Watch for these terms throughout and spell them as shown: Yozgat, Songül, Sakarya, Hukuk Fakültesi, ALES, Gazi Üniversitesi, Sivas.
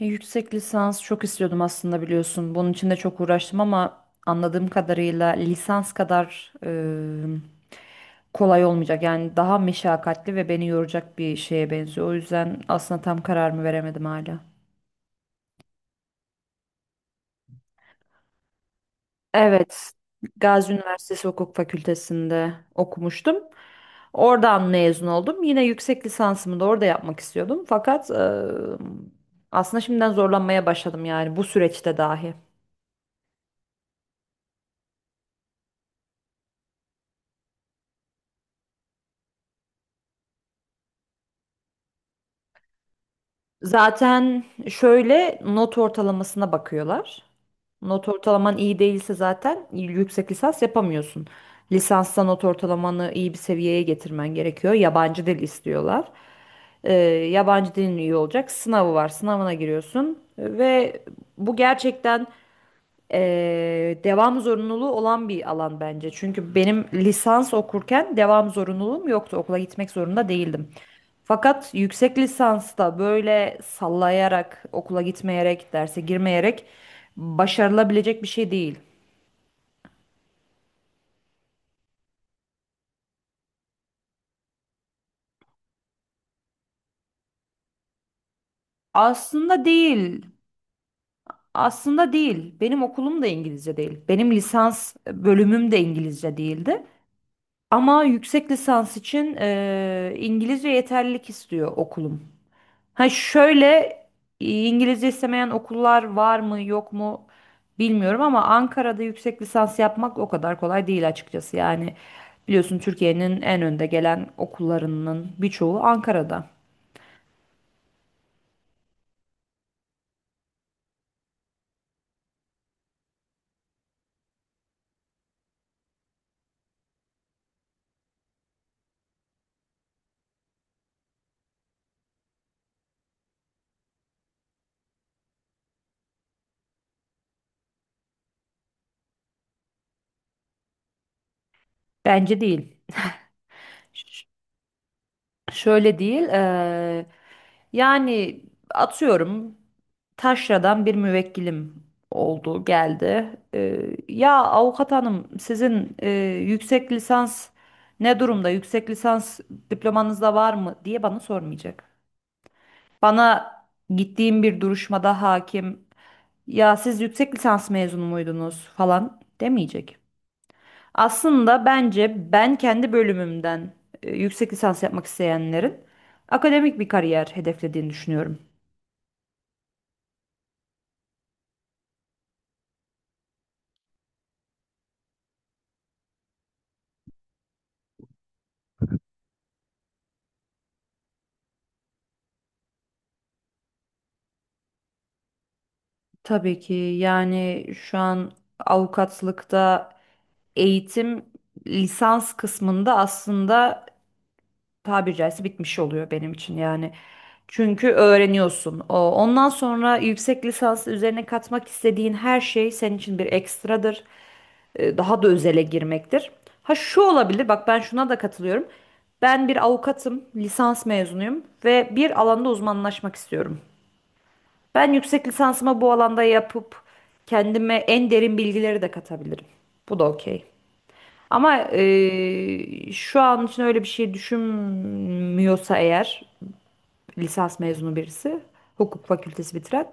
Yüksek lisans çok istiyordum aslında biliyorsun. Bunun için de çok uğraştım ama anladığım kadarıyla lisans kadar kolay olmayacak. Yani daha meşakkatli ve beni yoracak bir şeye benziyor. O yüzden aslında tam kararımı veremedim hala. Evet, Gazi Üniversitesi Hukuk Fakültesi'nde okumuştum. Oradan mezun oldum. Yine yüksek lisansımı da orada yapmak istiyordum. Fakat aslında şimdiden zorlanmaya başladım yani bu süreçte dahi. Zaten şöyle not ortalamasına bakıyorlar. Not ortalaman iyi değilse zaten yüksek lisans yapamıyorsun. Lisansta not ortalamanı iyi bir seviyeye getirmen gerekiyor. Yabancı dil istiyorlar. Ee, Yabancı dilin iyi olacak. Sınavı var. Sınavına giriyorsun ve bu gerçekten devam zorunluluğu olan bir alan bence. Çünkü benim lisans okurken devam zorunluluğum yoktu. Okula gitmek zorunda değildim. Fakat yüksek lisansta böyle sallayarak, okula gitmeyerek, derse girmeyerek başarılabilecek bir şey değil. Aslında değil. Aslında değil. Benim okulum da İngilizce değil. Benim lisans bölümüm de İngilizce değildi. Ama yüksek lisans için İngilizce yeterlilik istiyor okulum. Ha şöyle, İngilizce istemeyen okullar var mı yok mu bilmiyorum ama Ankara'da yüksek lisans yapmak o kadar kolay değil açıkçası. Yani biliyorsun Türkiye'nin en önde gelen okullarının birçoğu Ankara'da. Bence değil. Şöyle değil. Yani atıyorum, taşradan bir müvekkilim oldu geldi. Ya avukat hanım, sizin yüksek lisans ne durumda? Yüksek lisans diplomanızda var mı diye bana sormayacak. Bana gittiğim bir duruşmada hakim, ya siz yüksek lisans mezunu muydunuz falan demeyecek. Aslında bence ben kendi bölümümden yüksek lisans yapmak isteyenlerin akademik bir kariyer hedeflediğini düşünüyorum. Tabii ki yani şu an avukatlıkta eğitim lisans kısmında aslında tabiri caizse bitmiş oluyor benim için yani. Çünkü öğreniyorsun. Ondan sonra yüksek lisans üzerine katmak istediğin her şey senin için bir ekstradır. Daha da özele girmektir. Ha şu olabilir, bak ben şuna da katılıyorum. Ben bir avukatım, lisans mezunuyum ve bir alanda uzmanlaşmak istiyorum. Ben yüksek lisansımı bu alanda yapıp kendime en derin bilgileri de katabilirim. Bu da okey. Ama şu an için öyle bir şey düşünmüyorsa eğer, lisans mezunu birisi, hukuk fakültesi bitiren,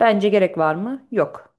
bence gerek var mı? Yok.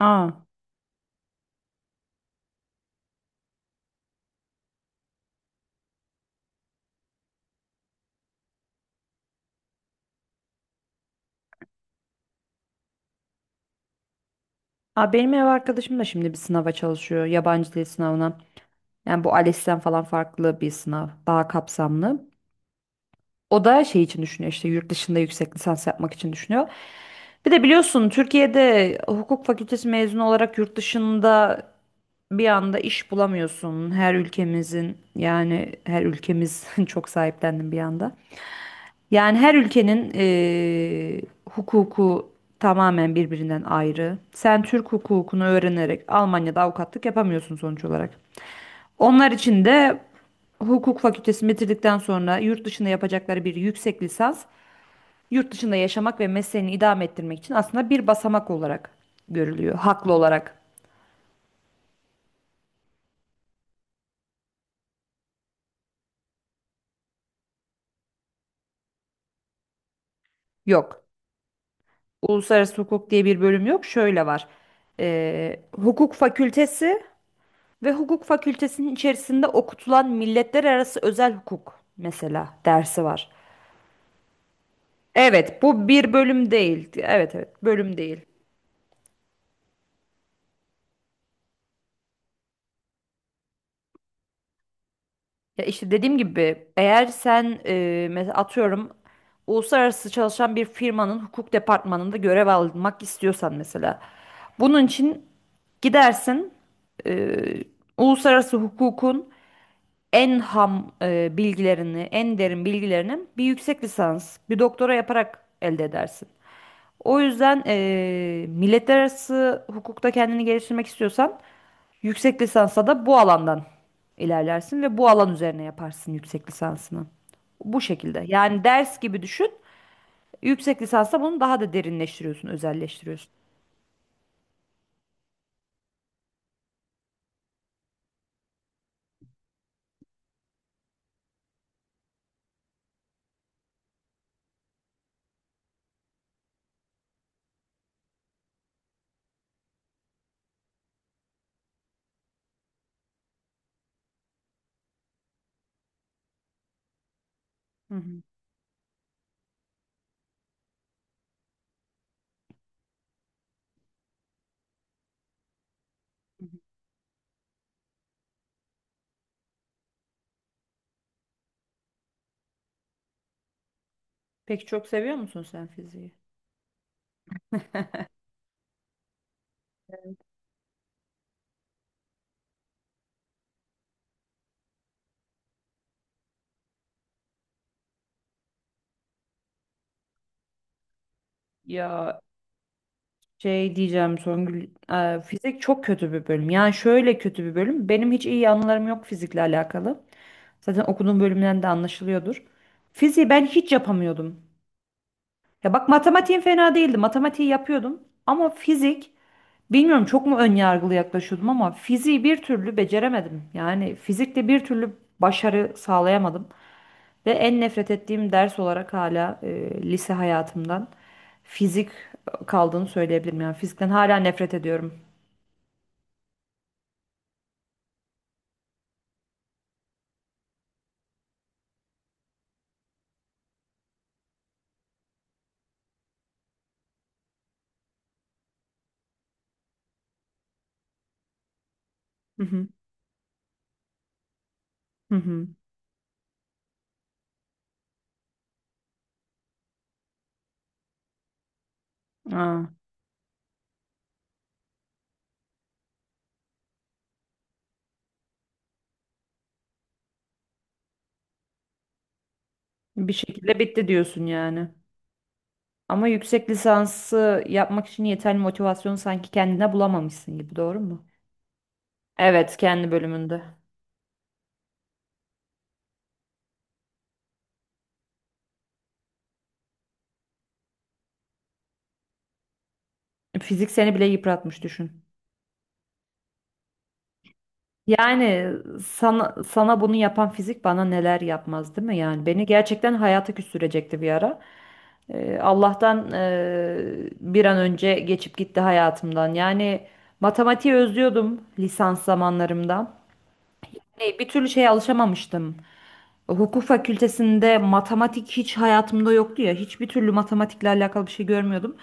Aa. Aa, benim ev arkadaşım da şimdi bir sınava çalışıyor, yabancı dil sınavına. Yani bu ALES'ten falan farklı bir sınav, daha kapsamlı. O da şey için düşünüyor, işte yurt dışında yüksek lisans yapmak için düşünüyor. Bir de biliyorsun Türkiye'de hukuk fakültesi mezunu olarak yurt dışında bir anda iş bulamıyorsun. Her ülkemizin, yani her ülkemiz çok sahiplendim bir anda. Yani her ülkenin hukuku tamamen birbirinden ayrı. Sen Türk hukukunu öğrenerek Almanya'da avukatlık yapamıyorsun sonuç olarak. Onlar için de hukuk fakültesi bitirdikten sonra yurt dışında yapacakları bir yüksek lisans, yurt dışında yaşamak ve mesleğini idame ettirmek için aslında bir basamak olarak görülüyor. Haklı olarak. Yok. Uluslararası hukuk diye bir bölüm yok. Şöyle var. Hukuk fakültesi ve hukuk fakültesinin içerisinde okutulan milletler arası özel hukuk mesela dersi var. Evet, bu bir bölüm değil. Evet, evet, bölüm değil. Ya işte dediğim gibi, eğer sen mesela atıyorum, uluslararası çalışan bir firmanın hukuk departmanında görev almak istiyorsan mesela, bunun için gidersin, e, uluslararası hukukun en ham bilgilerini, en derin bilgilerini bir yüksek lisans, bir doktora yaparak elde edersin. O yüzden milletler arası hukukta kendini geliştirmek istiyorsan, yüksek lisansa da bu alandan ilerlersin ve bu alan üzerine yaparsın yüksek lisansını. Bu şekilde. Yani ders gibi düşün. Yüksek lisansa bunu daha da derinleştiriyorsun, özelleştiriyorsun. Hı hı. Hı hı. Peki çok seviyor musun sen fiziği? Ya şey diyeceğim Songül, fizik çok kötü bir bölüm. Yani şöyle kötü bir bölüm. Benim hiç iyi anılarım yok fizikle alakalı. Zaten okuduğum bölümden de anlaşılıyordur. Fiziği ben hiç yapamıyordum. Ya bak, matematiğim fena değildi. Matematiği yapıyordum. Ama fizik, bilmiyorum, çok mu ön yargılı yaklaşıyordum ama fiziği bir türlü beceremedim. Yani fizikte bir türlü başarı sağlayamadım. Ve en nefret ettiğim ders olarak hala lise hayatımdan fizik kaldığını söyleyebilirim. Yani fizikten hala nefret ediyorum. Hı hı. Hı hı. Aa, bir şekilde bitti diyorsun yani. Ama yüksek lisansı yapmak için yeterli motivasyonu sanki kendine bulamamışsın gibi, doğru mu? Evet, kendi bölümünde. Fizik seni bile yıpratmış düşün. Yani sana, sana bunu yapan fizik bana neler yapmaz değil mi? Yani beni gerçekten hayata küstürecekti bir ara. Allah'tan bir an önce geçip gitti hayatımdan. Yani matematiği özlüyordum lisans zamanlarımda. Bir türlü şeye alışamamıştım. Hukuk fakültesinde matematik hiç hayatımda yoktu ya. Hiçbir türlü matematikle alakalı bir şey görmüyordum.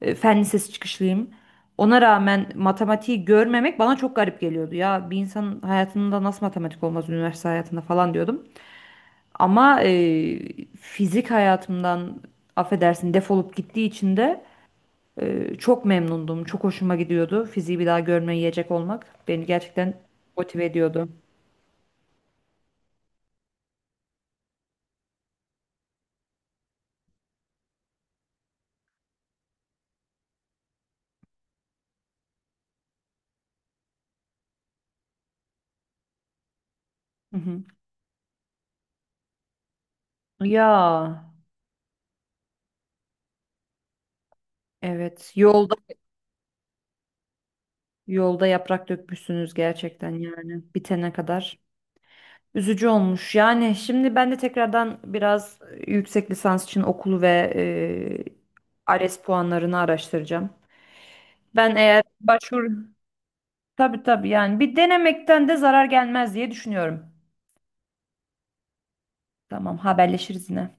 E, fen lisesi çıkışlıyım. Ona rağmen matematiği görmemek bana çok garip geliyordu. Ya bir insanın hayatında nasıl matematik olmaz üniversite hayatında falan diyordum. Ama fizik hayatımdan affedersin defolup gittiği için de çok memnundum. Çok hoşuma gidiyordu. Fiziği bir daha görmeye yiyecek olmak beni gerçekten motive ediyordu. Hı hı. Ya evet, yolda yaprak dökmüşsünüz gerçekten yani bitene kadar. Üzücü olmuş. Yani şimdi ben de tekrardan biraz yüksek lisans için okulu ve ALES puanlarını araştıracağım. Ben eğer başvuru, tabii tabii yani, bir denemekten de zarar gelmez diye düşünüyorum. Tamam, haberleşiriz yine.